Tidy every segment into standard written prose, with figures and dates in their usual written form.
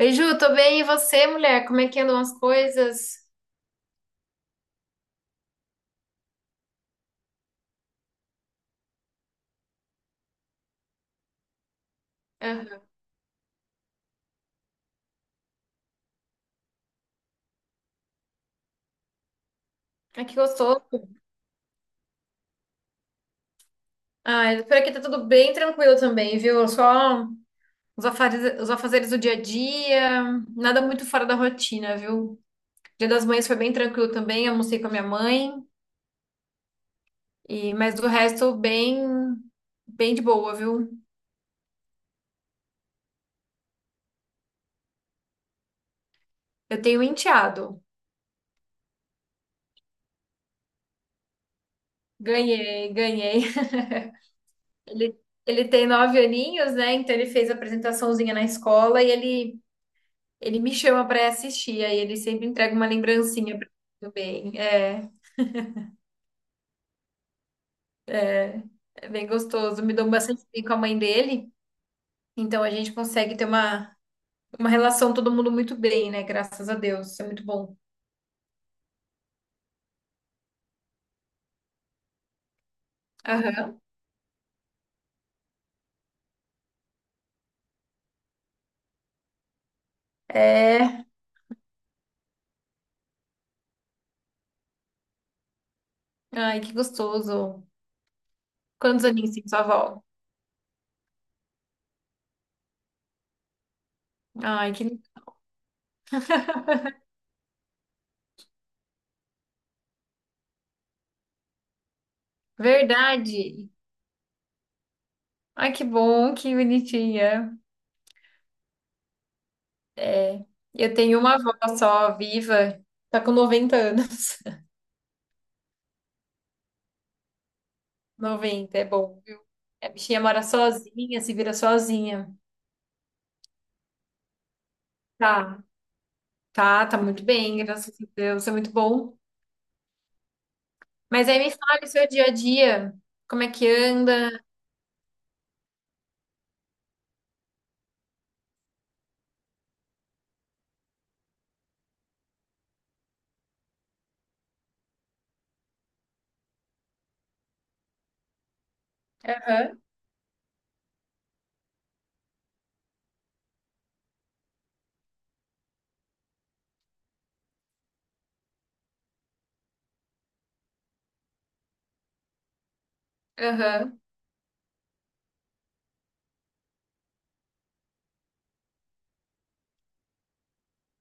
Oi, Ju, tô bem. E você, mulher? Como é que andam as coisas? Aham. Ai, que gostoso. Ai, por aqui tá tudo bem tranquilo também, viu? Só os afazeres do dia a dia, nada muito fora da rotina, viu? Dia das Mães foi bem tranquilo também, almocei com a minha mãe, e mas do resto, bem de boa, viu? Eu tenho um enteado. Ganhei. Ele, ele tem nove aninhos, né? Então ele fez a apresentaçãozinha na escola e ele me chama pra assistir, aí ele sempre entrega uma lembrancinha pra mim bem. É, é bem gostoso. Me dou bastante bem com a mãe dele, então a gente consegue ter uma relação todo mundo muito bem, né? Graças a Deus, isso é muito bom. Aham. É. Ai, que gostoso. Quantos aninhos tem sua avó? Ai, que verdade. Ai, que bom, que bonitinha. É, eu tenho uma avó só viva, tá com 90 anos. Noventa é bom, viu? A bichinha mora sozinha, se vira sozinha. Tá, tá muito bem, graças a Deus, é muito bom. Mas aí me fala o seu dia a dia, como é que anda? Aham, aham,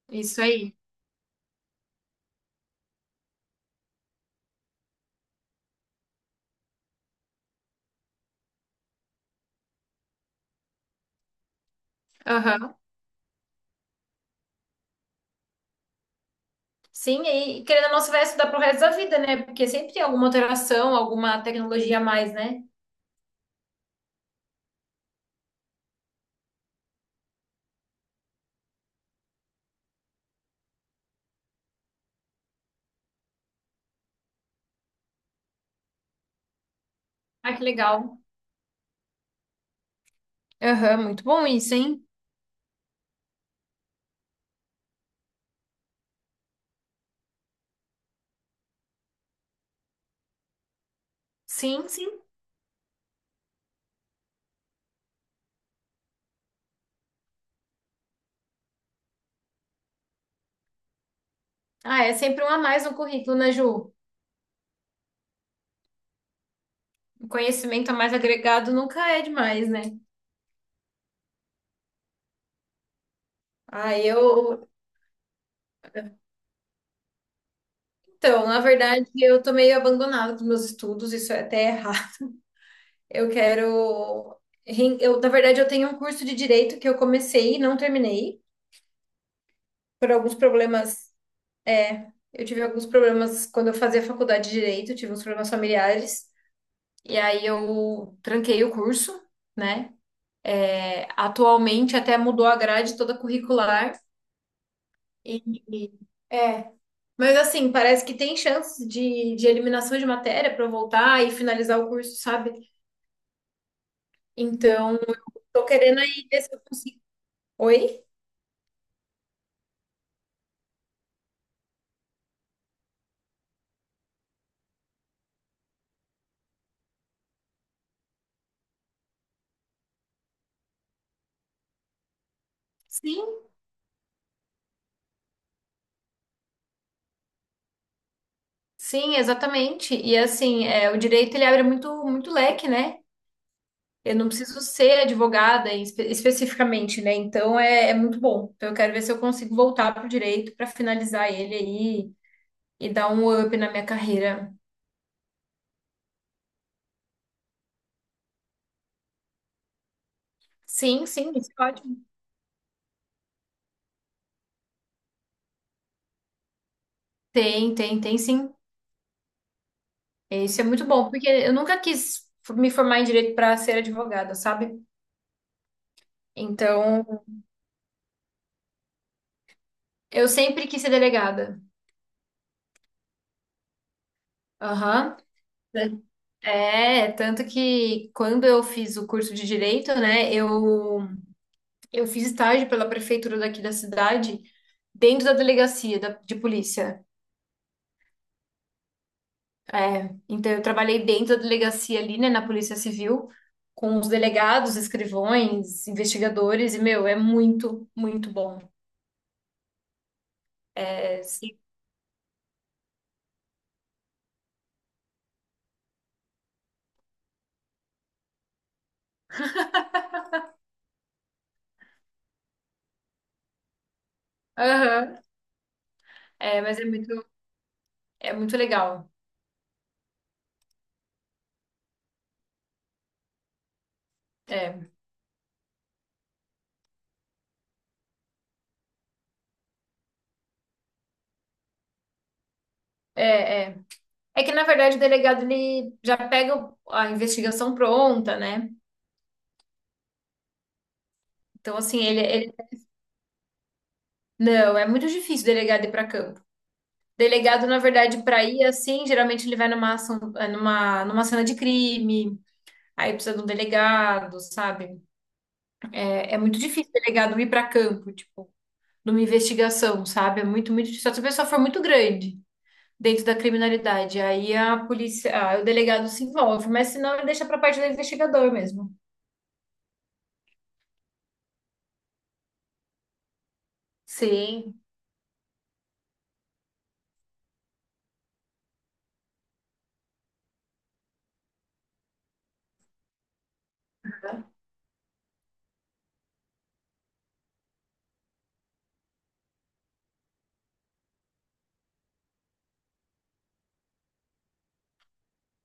isso aí. Aham. Sim, e querendo ou não, você vai estudar pro resto da vida, né? Porque sempre tem alguma alteração, alguma tecnologia a mais, né? Ah, que legal. Aham, muito bom isso, hein? Sim, sim. Ah, é sempre um a mais no currículo, né, Ju? O conhecimento a mais agregado nunca é demais, né? Ah, eu. Então, na verdade, eu tô meio abandonada dos meus estudos, isso é até errado. Eu quero. Ren- Eu, Na verdade, eu tenho um curso de direito que eu comecei e não terminei, por alguns problemas. É, eu tive alguns problemas quando eu fazia faculdade de direito, tive uns problemas familiares, e aí eu tranquei o curso, né? É, atualmente até mudou a grade toda curricular. E, é. Mas assim, parece que tem chance de eliminação de matéria para eu voltar e finalizar o curso, sabe? Então, tô querendo aí ver se eu consigo. Oi? Sim, sim, exatamente. E assim, é, o direito ele abre muito leque, né? Eu não preciso ser advogada especificamente, né? Então é, é muito bom. Então eu quero ver se eu consigo voltar pro direito para finalizar ele aí e dar um up na minha carreira. Sim, sim, isso é ótimo. Tem, tem, tem sim. É, isso é muito bom, porque eu nunca quis me formar em direito para ser advogada, sabe? Então, eu sempre quis ser delegada. Aham. É, tanto que quando eu fiz o curso de direito, né, eu fiz estágio pela prefeitura daqui da cidade, dentro da delegacia de polícia. É, então, eu trabalhei dentro da delegacia ali, né, na Polícia Civil, com os delegados, escrivões, investigadores, e, meu, é muito bom. É, sim. É, mas é muito, É muito legal. É, é, é. É que, na verdade, o delegado, ele já pega a investigação pronta, né? Então, assim, Não, é muito difícil o delegado ir para campo. Delegado, na verdade, para ir, assim, geralmente ele vai numa ação, é, numa cena de crime, aí precisa de um delegado, sabe? É, é muito difícil o delegado ir para campo, tipo, numa investigação, sabe? É muito, muito difícil. Só se a pessoa for muito grande dentro da criminalidade. Aí a polícia, ah, o delegado se envolve, mas se não deixa para parte do investigador mesmo. Sim.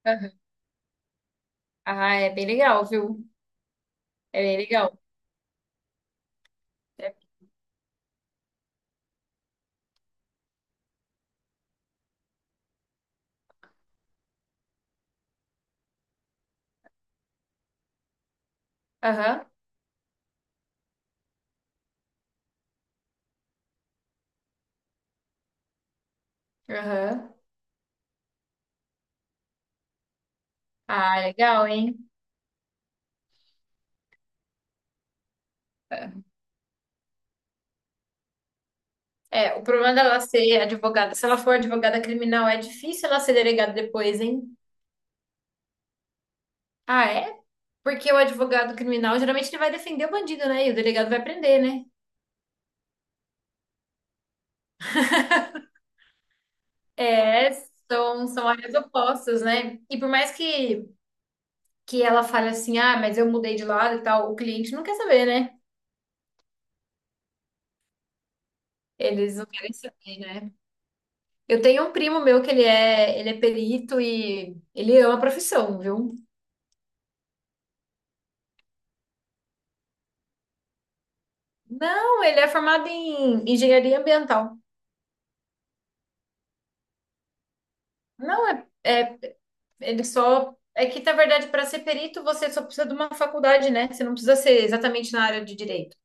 Aham. Ah, é bem legal, viu? É bem legal. É. Aham, aham. Ah, legal, hein? É, é, o problema dela ser advogada, se ela for advogada criminal, é difícil ela ser delegada depois, hein? Ah, é? Porque o advogado criminal, geralmente ele vai defender o bandido, né? E o delegado vai prender, né? É, são áreas opostas, né? E por mais que ela fale assim, ah, mas eu mudei de lado e tal, o cliente não quer saber, né? Eles não querem saber, né? Eu tenho um primo meu que ele é perito e ele ama a profissão, viu? Não, ele é formado em engenharia ambiental. Não, é, é ele só é que Na verdade, para ser perito você só precisa de uma faculdade, né? Você não precisa ser exatamente na área de direito.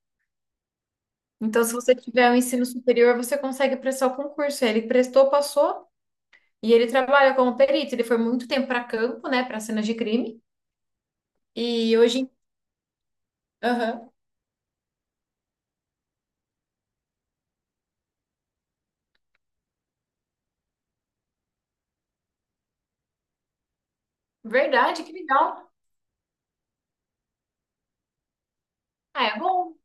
Então, se você tiver um ensino superior, você consegue prestar o concurso. Ele prestou, passou e ele trabalha como perito. Ele foi muito tempo para campo, né, para cenas de crime. E hoje. Aham. Verdade, que legal. Ah, é bom.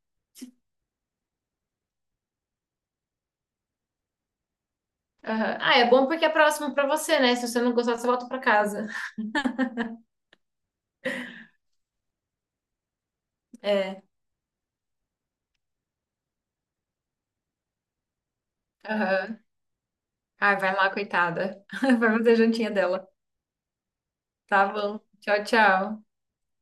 Aham. Ah, é bom porque é próximo pra você, né? Se você não gostar, você volta pra casa. É. Aham. Ai, vai lá, coitada. Vai fazer a jantinha dela. Tá bom. Tchau, tchau.